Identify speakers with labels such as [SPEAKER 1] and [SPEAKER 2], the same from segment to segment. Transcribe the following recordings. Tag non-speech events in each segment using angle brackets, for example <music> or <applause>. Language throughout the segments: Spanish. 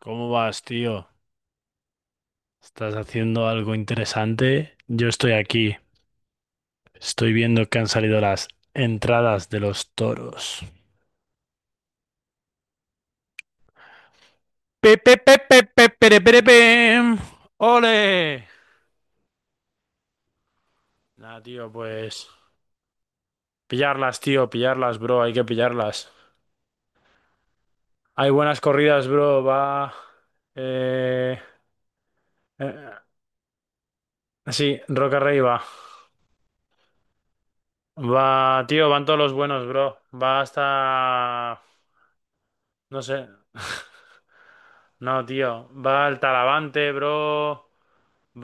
[SPEAKER 1] ¿Cómo vas, tío? ¿Estás haciendo algo interesante? Yo estoy aquí. Estoy viendo que han salido las entradas de los toros. ¡Pe, pe, pe, pe, pe, pere, pere, pem! ¡Ole! Nah, tío, pues. Pillarlas, tío, pillarlas, bro. Hay que pillarlas. Hay buenas corridas, bro. Va. Eh. eh, sí, Roca Rey va. Va, tío, van todos los buenos, bro. Va hasta. No sé. <laughs> No, tío. Va el Talavante, bro.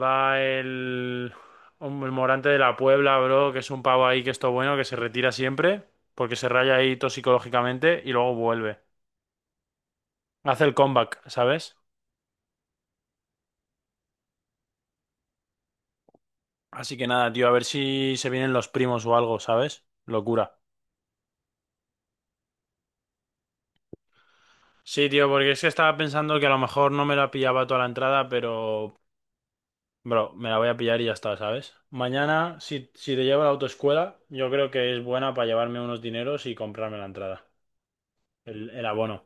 [SPEAKER 1] Va el Morante de la Puebla, bro, que es un pavo ahí que es todo bueno, que se retira siempre, porque se raya ahí todo psicológicamente y luego vuelve. Hace el comeback, ¿sabes? Así que nada, tío, a ver si se vienen los primos o algo, ¿sabes? Locura. Sí, tío, porque es que estaba pensando que a lo mejor no me la pillaba toda la entrada, pero bro, me la voy a pillar y ya está, ¿sabes? Mañana, si te llevo a la autoescuela, yo creo que es buena para llevarme unos dineros y comprarme la entrada, el abono.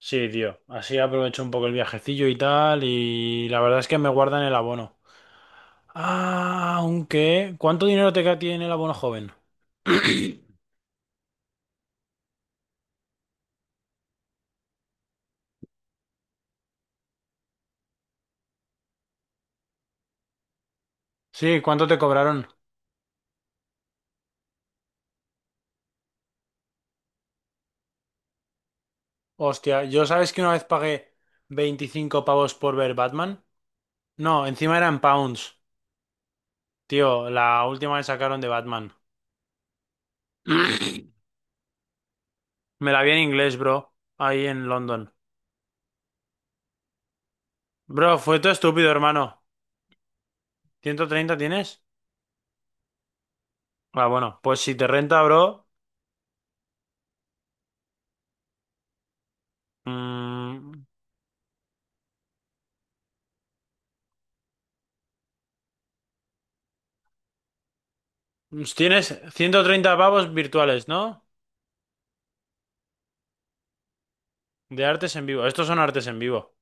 [SPEAKER 1] Sí, tío, así aprovecho un poco el viajecillo y tal, y la verdad es que me guardan el abono. Ah, aunque, ¿cuánto dinero te tiene el abono joven? Sí, ¿cuánto te cobraron? Hostia, yo sabes que una vez pagué 25 pavos por ver Batman. No, encima eran pounds. Tío, la última que sacaron de Batman. <laughs> Me la vi en inglés, bro. Ahí en London. Bro, fue todo estúpido, hermano. ¿130 tienes? Ah, bueno, pues si te renta, bro. mm, tienes 130 pavos virtuales, ¿no? De artes en vivo. Estos son artes en vivo.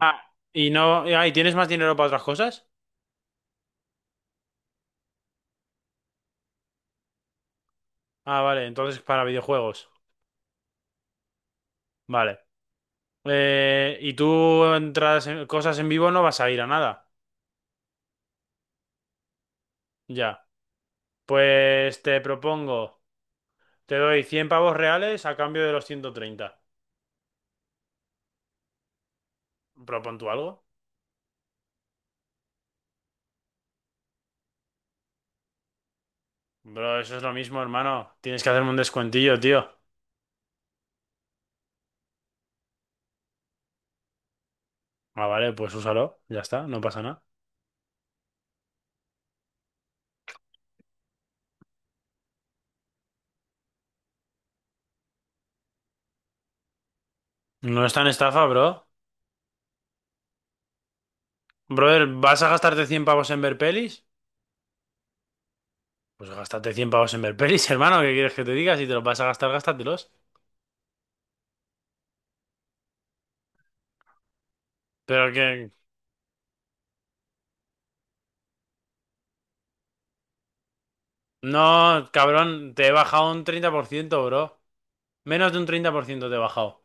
[SPEAKER 1] Ah, y no. Ah, ¿y tienes más dinero para otras cosas? Ah, vale, entonces para videojuegos. Vale. Y tú entras en cosas en vivo, no vas a ir a nada. Ya. Pues te propongo. Te doy 100 pavos reales a cambio de los 130. ¿Propon tú algo? Bro, eso es lo mismo, hermano. Tienes que hacerme un descuentillo, tío. Ah, vale, pues úsalo. Ya está, no pasa nada. No es tan estafa, bro. Brother, ¿vas a gastarte 100 pavos en ver pelis? Pues gástate 100 pavos en ver pelis, <laughs> hermano. ¿Qué quieres que te diga? Si te los vas a gastar, gástatelos. Pero que... No, cabrón, te he bajado un 30%, bro. Menos de un 30% te he bajado.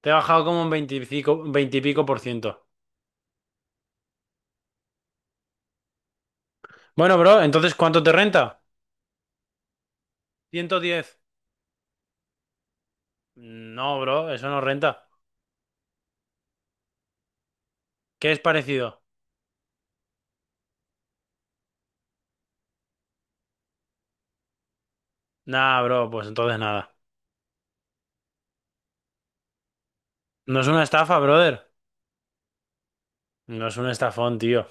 [SPEAKER 1] Te he bajado como un 20 y pico por ciento. Bueno, bro, entonces, ¿cuánto te renta? 110. No, bro, eso no renta. ¿Qué es parecido? Nah, bro, pues entonces nada. No es una estafa, brother. No es un estafón, tío.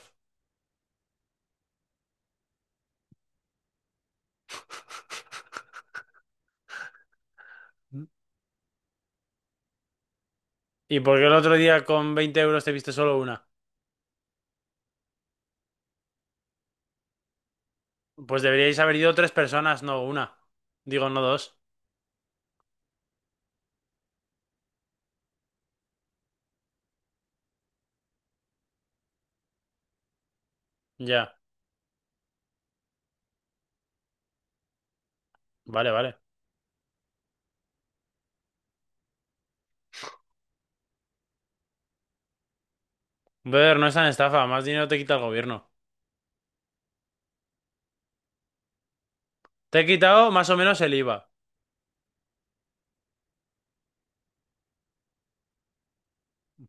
[SPEAKER 1] ¿Y por qué el otro día con 20 euros te viste solo una? Pues deberíais haber ido tres personas, no una. Digo, no dos. Ya, vale, vale. Brother, no es tan estafa, más dinero te quita el gobierno. Te he quitado más o menos el IVA.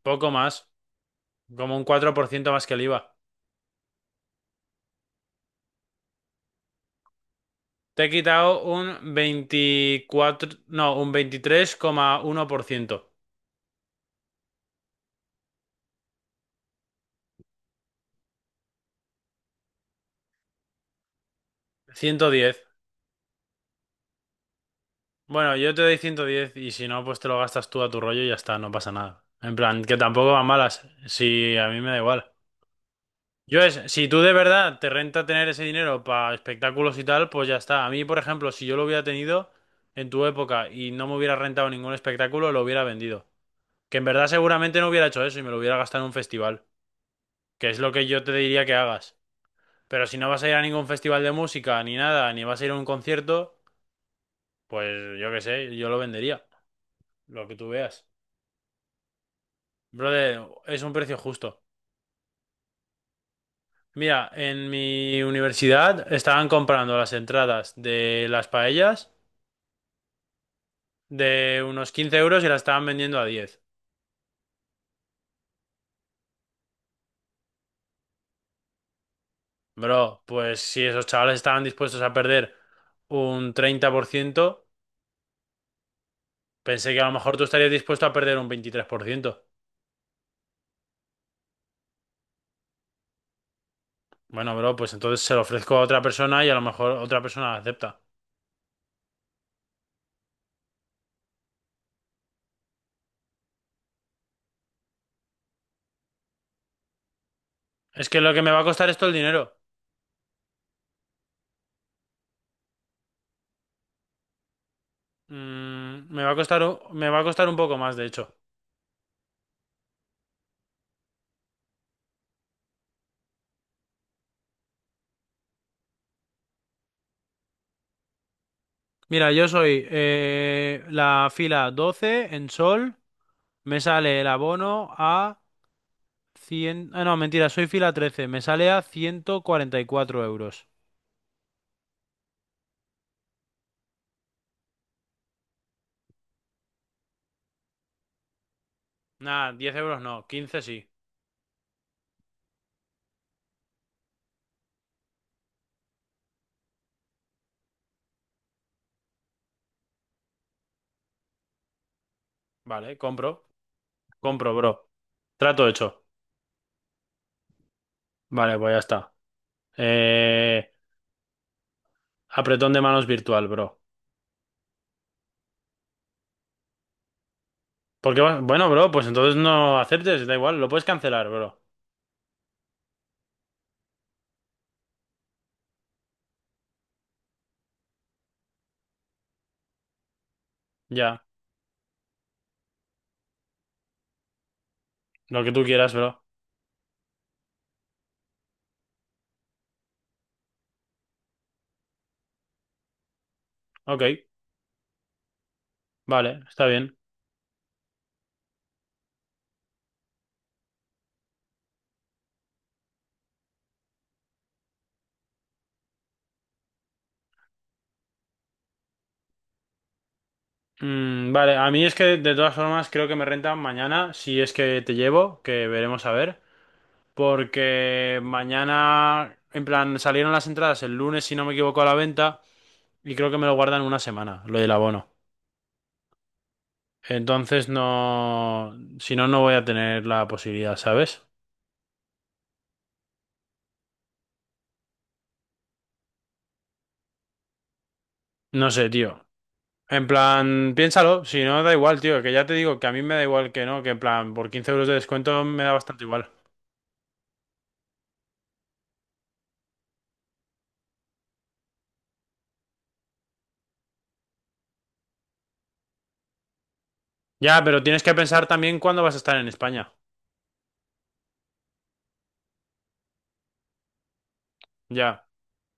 [SPEAKER 1] Poco más, como un 4% más que el IVA. Te he quitado un 24. No, un 23,1%. 110. Bueno, yo te doy 110 y si no, pues te lo gastas tú a tu rollo y ya está, no pasa nada. En plan, que tampoco van malas, si a mí me da igual. Yo es, si tú de verdad te renta tener ese dinero para espectáculos y tal, pues ya está. A mí, por ejemplo, si yo lo hubiera tenido en tu época y no me hubiera rentado ningún espectáculo, lo hubiera vendido. Que en verdad seguramente no hubiera hecho eso y me lo hubiera gastado en un festival, que es lo que yo te diría que hagas. Pero si no vas a ir a ningún festival de música, ni nada, ni vas a ir a un concierto, pues yo qué sé, yo lo vendería, lo que tú veas. Brother, es un precio justo. Mira, en mi universidad estaban comprando las entradas de las paellas de unos 15 euros y las estaban vendiendo a 10. Bro, pues si esos chavales estaban dispuestos a perder un 30%, pensé que a lo mejor tú estarías dispuesto a perder un 23%. Bueno, bro, pues entonces se lo ofrezco a otra persona y a lo mejor otra persona acepta. Es que lo que me va a costar esto el dinero. Mm, me va a costar, me va a costar un poco más, de hecho. Mira, yo soy la fila 12 en sol, me sale el abono a 100. Ah, no, mentira, soy fila 13, me sale a 144 euros. Nah, 10 euros no, 15 sí. Vale, compro, compro, bro. Trato hecho. Vale, pues ya está. Eh, Apretón de manos virtual, bro. Porque, bueno, bro, pues entonces no aceptes, da igual, lo puedes cancelar, bro. Ya, lo que tú quieras, bro. Ok, vale, está bien. Vale, a mí es que de todas formas creo que me renta mañana, si es que te llevo, que veremos a ver, porque mañana, en plan, salieron las entradas el lunes, si no me equivoco, a la venta, y creo que me lo guardan una semana, lo del abono. Entonces no, si no, no voy a tener la posibilidad, ¿sabes? No sé, tío. En plan, piénsalo, si no, da igual, tío, que ya te digo que a mí me da igual que no, que en plan, por 15 euros de descuento me da bastante igual. Ya, pero tienes que pensar también cuándo vas a estar en España. Ya.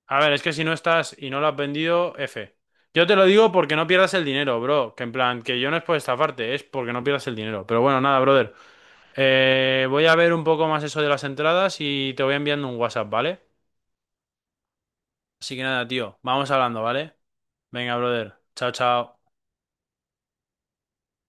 [SPEAKER 1] A ver, es que si no estás y no lo has vendido, F. Yo te lo digo porque no pierdas el dinero, bro. Que en plan, que yo no es por estafarte, es porque no pierdas el dinero. Pero bueno, nada, brother. Voy a ver un poco más eso de las entradas y te voy enviando un WhatsApp, ¿vale? Así que nada, tío, vamos hablando, ¿vale? Venga, brother. Chao, chao.